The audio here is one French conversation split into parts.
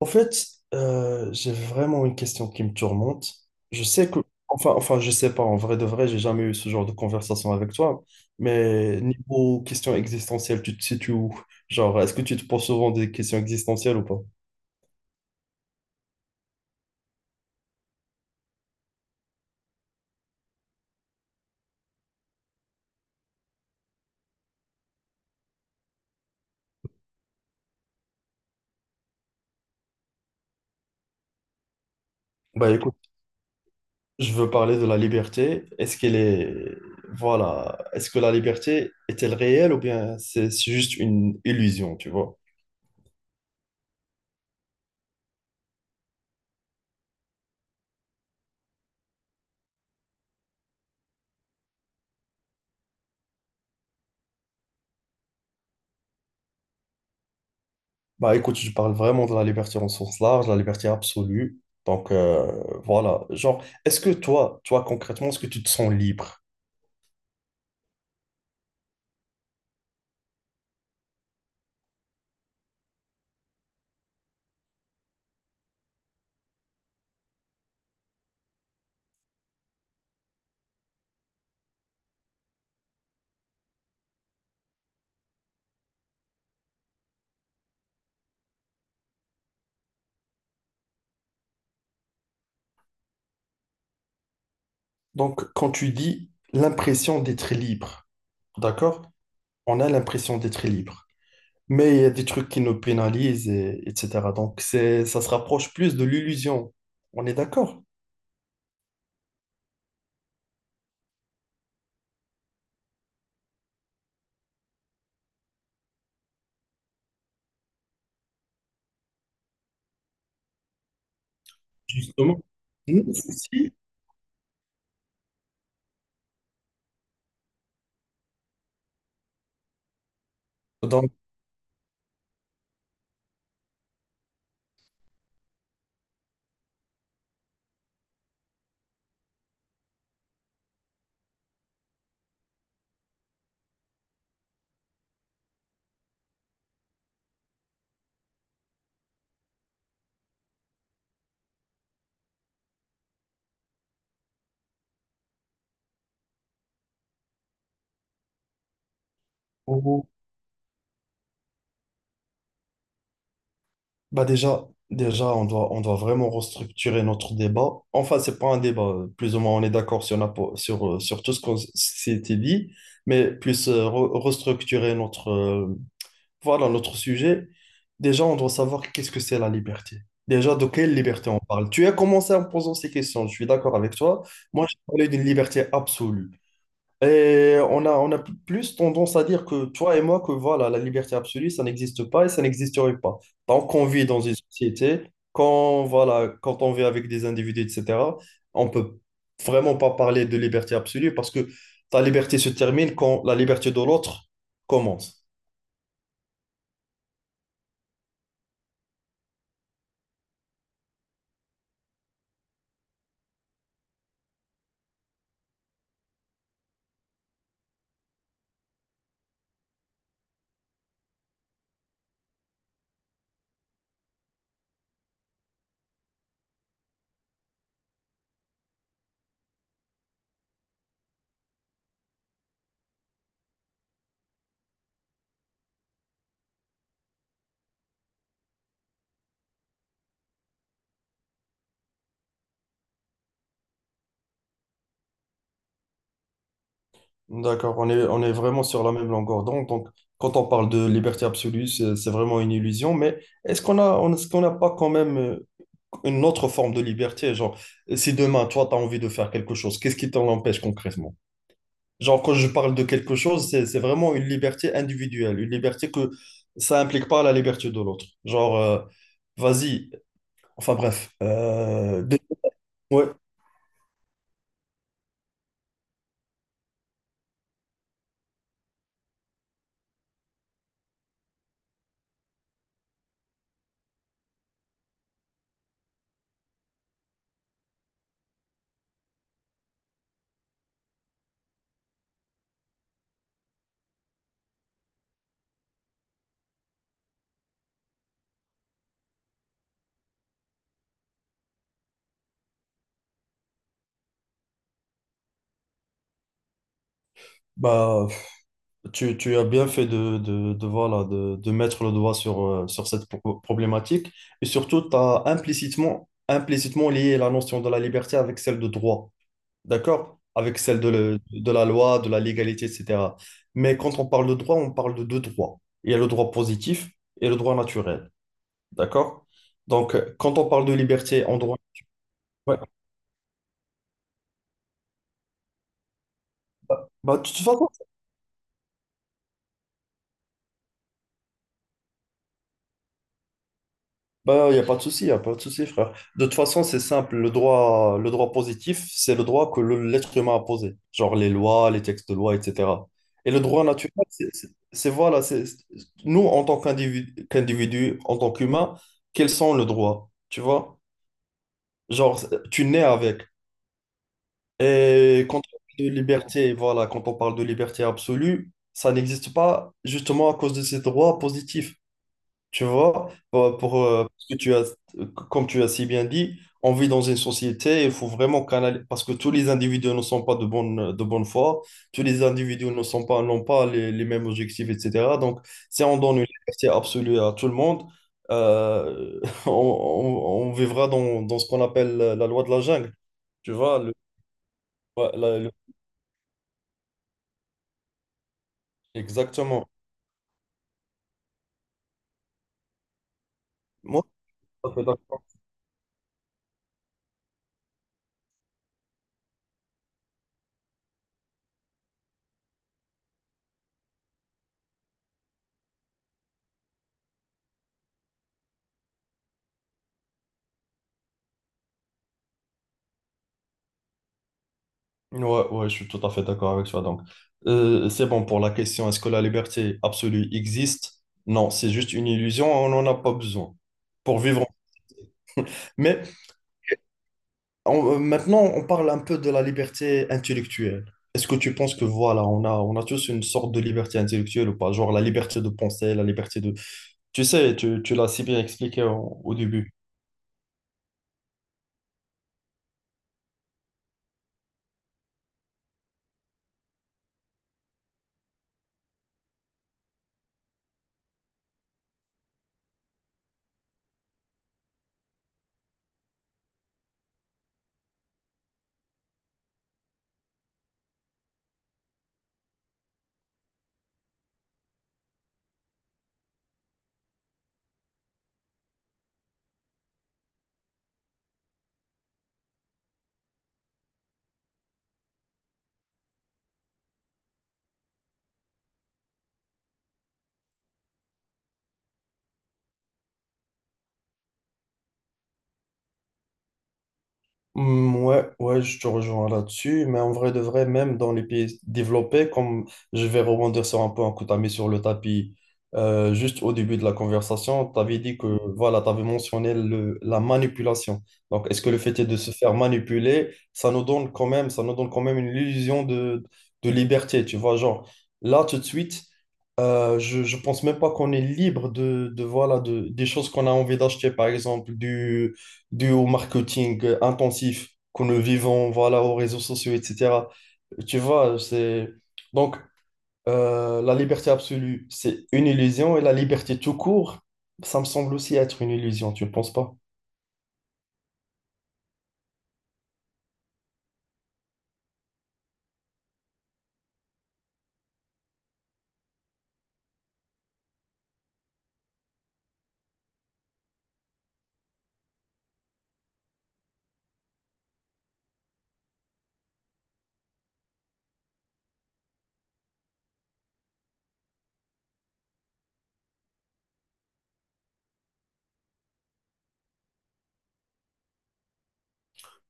En fait, j'ai vraiment une question qui me tourmente. Je sais que, enfin, je sais pas, en vrai de vrai, j'ai jamais eu ce genre de conversation avec toi, mais niveau question existentielle, tu te situes où? Genre, est-ce que tu te poses souvent des questions existentielles ou pas? Bah écoute, je veux parler de la liberté. Est-ce qu'elle est, voilà, est-ce que la liberté est-elle réelle ou bien c'est juste une illusion, tu vois? Bah écoute, je parle vraiment de la liberté en sens large, la liberté absolue. Donc, voilà, genre, est-ce que toi, toi concrètement, est-ce que tu te sens libre? Donc quand tu dis l'impression d'être libre, d'accord? On a l'impression d'être libre. Mais il y a des trucs qui nous pénalisent, et, etc. Donc c'est, ça se rapproche plus de l'illusion. On est d'accord? Justement, nous aussi si. Donc, oh, bah déjà, déjà on doit vraiment restructurer notre débat. Enfin, c'est pas un débat. Plus ou moins, on est d'accord sur, la po- sur, sur tout ce qu'on s- s'était dit, mais plus re- restructurer notre, voilà, notre sujet. Déjà, on doit savoir qu'est-ce que c'est la liberté. Déjà, de quelle liberté on parle? Tu as commencé en posant ces questions, je suis d'accord avec toi. Moi, j'ai parlé d'une liberté absolue. Et on a pl- plus tendance à dire que toi et moi, que voilà, la liberté absolue, ça n'existe pas et ça n'existerait pas. Tant qu'on vit dans une société, quand, voilà, quand on vit avec des individus, etc., on peut vraiment pas parler de liberté absolue parce que ta liberté se termine quand la liberté de l'autre commence. D'accord, on est vraiment sur la même longueur d'onde. Donc, quand on parle de liberté absolue, c'est vraiment une illusion. Mais est-ce qu'on a, on- est-ce qu'on n'a pas quand même une autre forme de liberté. Genre, si demain, toi, tu as envie de faire quelque chose, qu'est-ce qui t'en empêche concrètement? Genre, quand je parle de quelque chose, c'est vraiment une liberté individuelle, une liberté que ça implique pas la liberté de l'autre. Genre, vas-y, enfin bref. Ouais, bah, tu as bien fait de, voilà, de mettre le doigt sur, sur cette pro- problématique. Et surtout, tu as implicitement lié la notion de la liberté avec celle de droit. D'accord? Avec celle de, le- de la loi, de la légalité, etc. Mais quand on parle de droit, on parle de deux droits. Il y a le droit positif et le droit naturel. D'accord? Donc, quand on parle de liberté en droit... Ouais, bah, bah, de toute façon, bah, il n'y a pas de souci, il n'y a pas de souci, frère. De toute façon, c'est simple. Le droit positif, c'est le droit que le- l'être humain a posé. Genre les lois, les textes de loi, etc. Et le droit naturel, c'est nous, en tant qu'individu, en tant qu'humain, quels sont nos droits? Tu vois? Genre, tu nais avec. Et quand on parle de liberté, voilà, quand on parle de liberté absolue, ça n'existe pas justement à cause de ces droits positifs. Tu vois, pour, parce que tu as, comme tu as si bien dit, on vit dans une société, il faut vraiment canaliser, parce que tous les individus ne sont pas de bonne foi, tous les individus ne sont pas, n'ont pas les, les mêmes objectifs, etc. Donc, si on donne une liberté absolue à tout le monde, euh, on, on- on vivra dans ce qu'on appelle la loi de la jungle. Tu vois, le, ouais, la- le- exactement. Moi, je suis tout à fait d'accord. Ouais, ouais, je suis tout à fait d'accord avec toi. Donc, c'est bon pour la question, est-ce que la liberté absolue existe? Non, c'est juste une illusion, on n'en a pas besoin pour vivre. Mais on- maintenant, on parle un peu de la liberté intellectuelle. Est-ce que tu penses que voilà, on a tous une sorte de liberté intellectuelle ou pas? Genre la liberté de penser, la liberté de... Tu sais, tu l'as si bien expliqué au au début. Hmm, ouais, ouais, je te rejoins là-dessus, mais en vrai de vrai, même dans les pays développés, comme je vais rebondir sur un point que tu as mis sur le tapis juste au début de la conversation, tu avais dit que voilà, tu avais mentionné le, la manipulation. Donc, est-ce que le fait est de se faire manipuler, ça nous donne quand même, ça nous donne quand même une illusion de liberté, tu vois, genre là tout de suite. Je pense même pas qu'on est libre de, voilà de, des choses qu'on a envie d'acheter, par exemple du, dû au marketing intensif que nous vivons, voilà, aux réseaux sociaux, etc. Tu vois, c'est... Donc, la liberté absolue, c'est une illusion, et la liberté tout court, ça me semble aussi être une illusion, tu ne penses pas?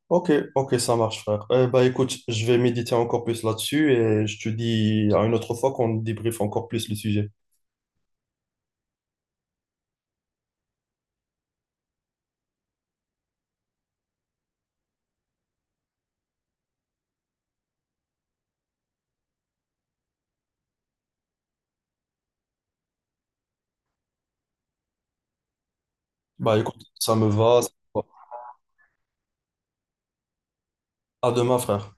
Ok, ok, ça marche, frère. Eh bah, écoute, je vais méditer encore plus là-dessus et je te dis à une autre fois qu'on débriefe encore plus le sujet. Bah, écoute, ça me va. Ça me va. À demain, frère.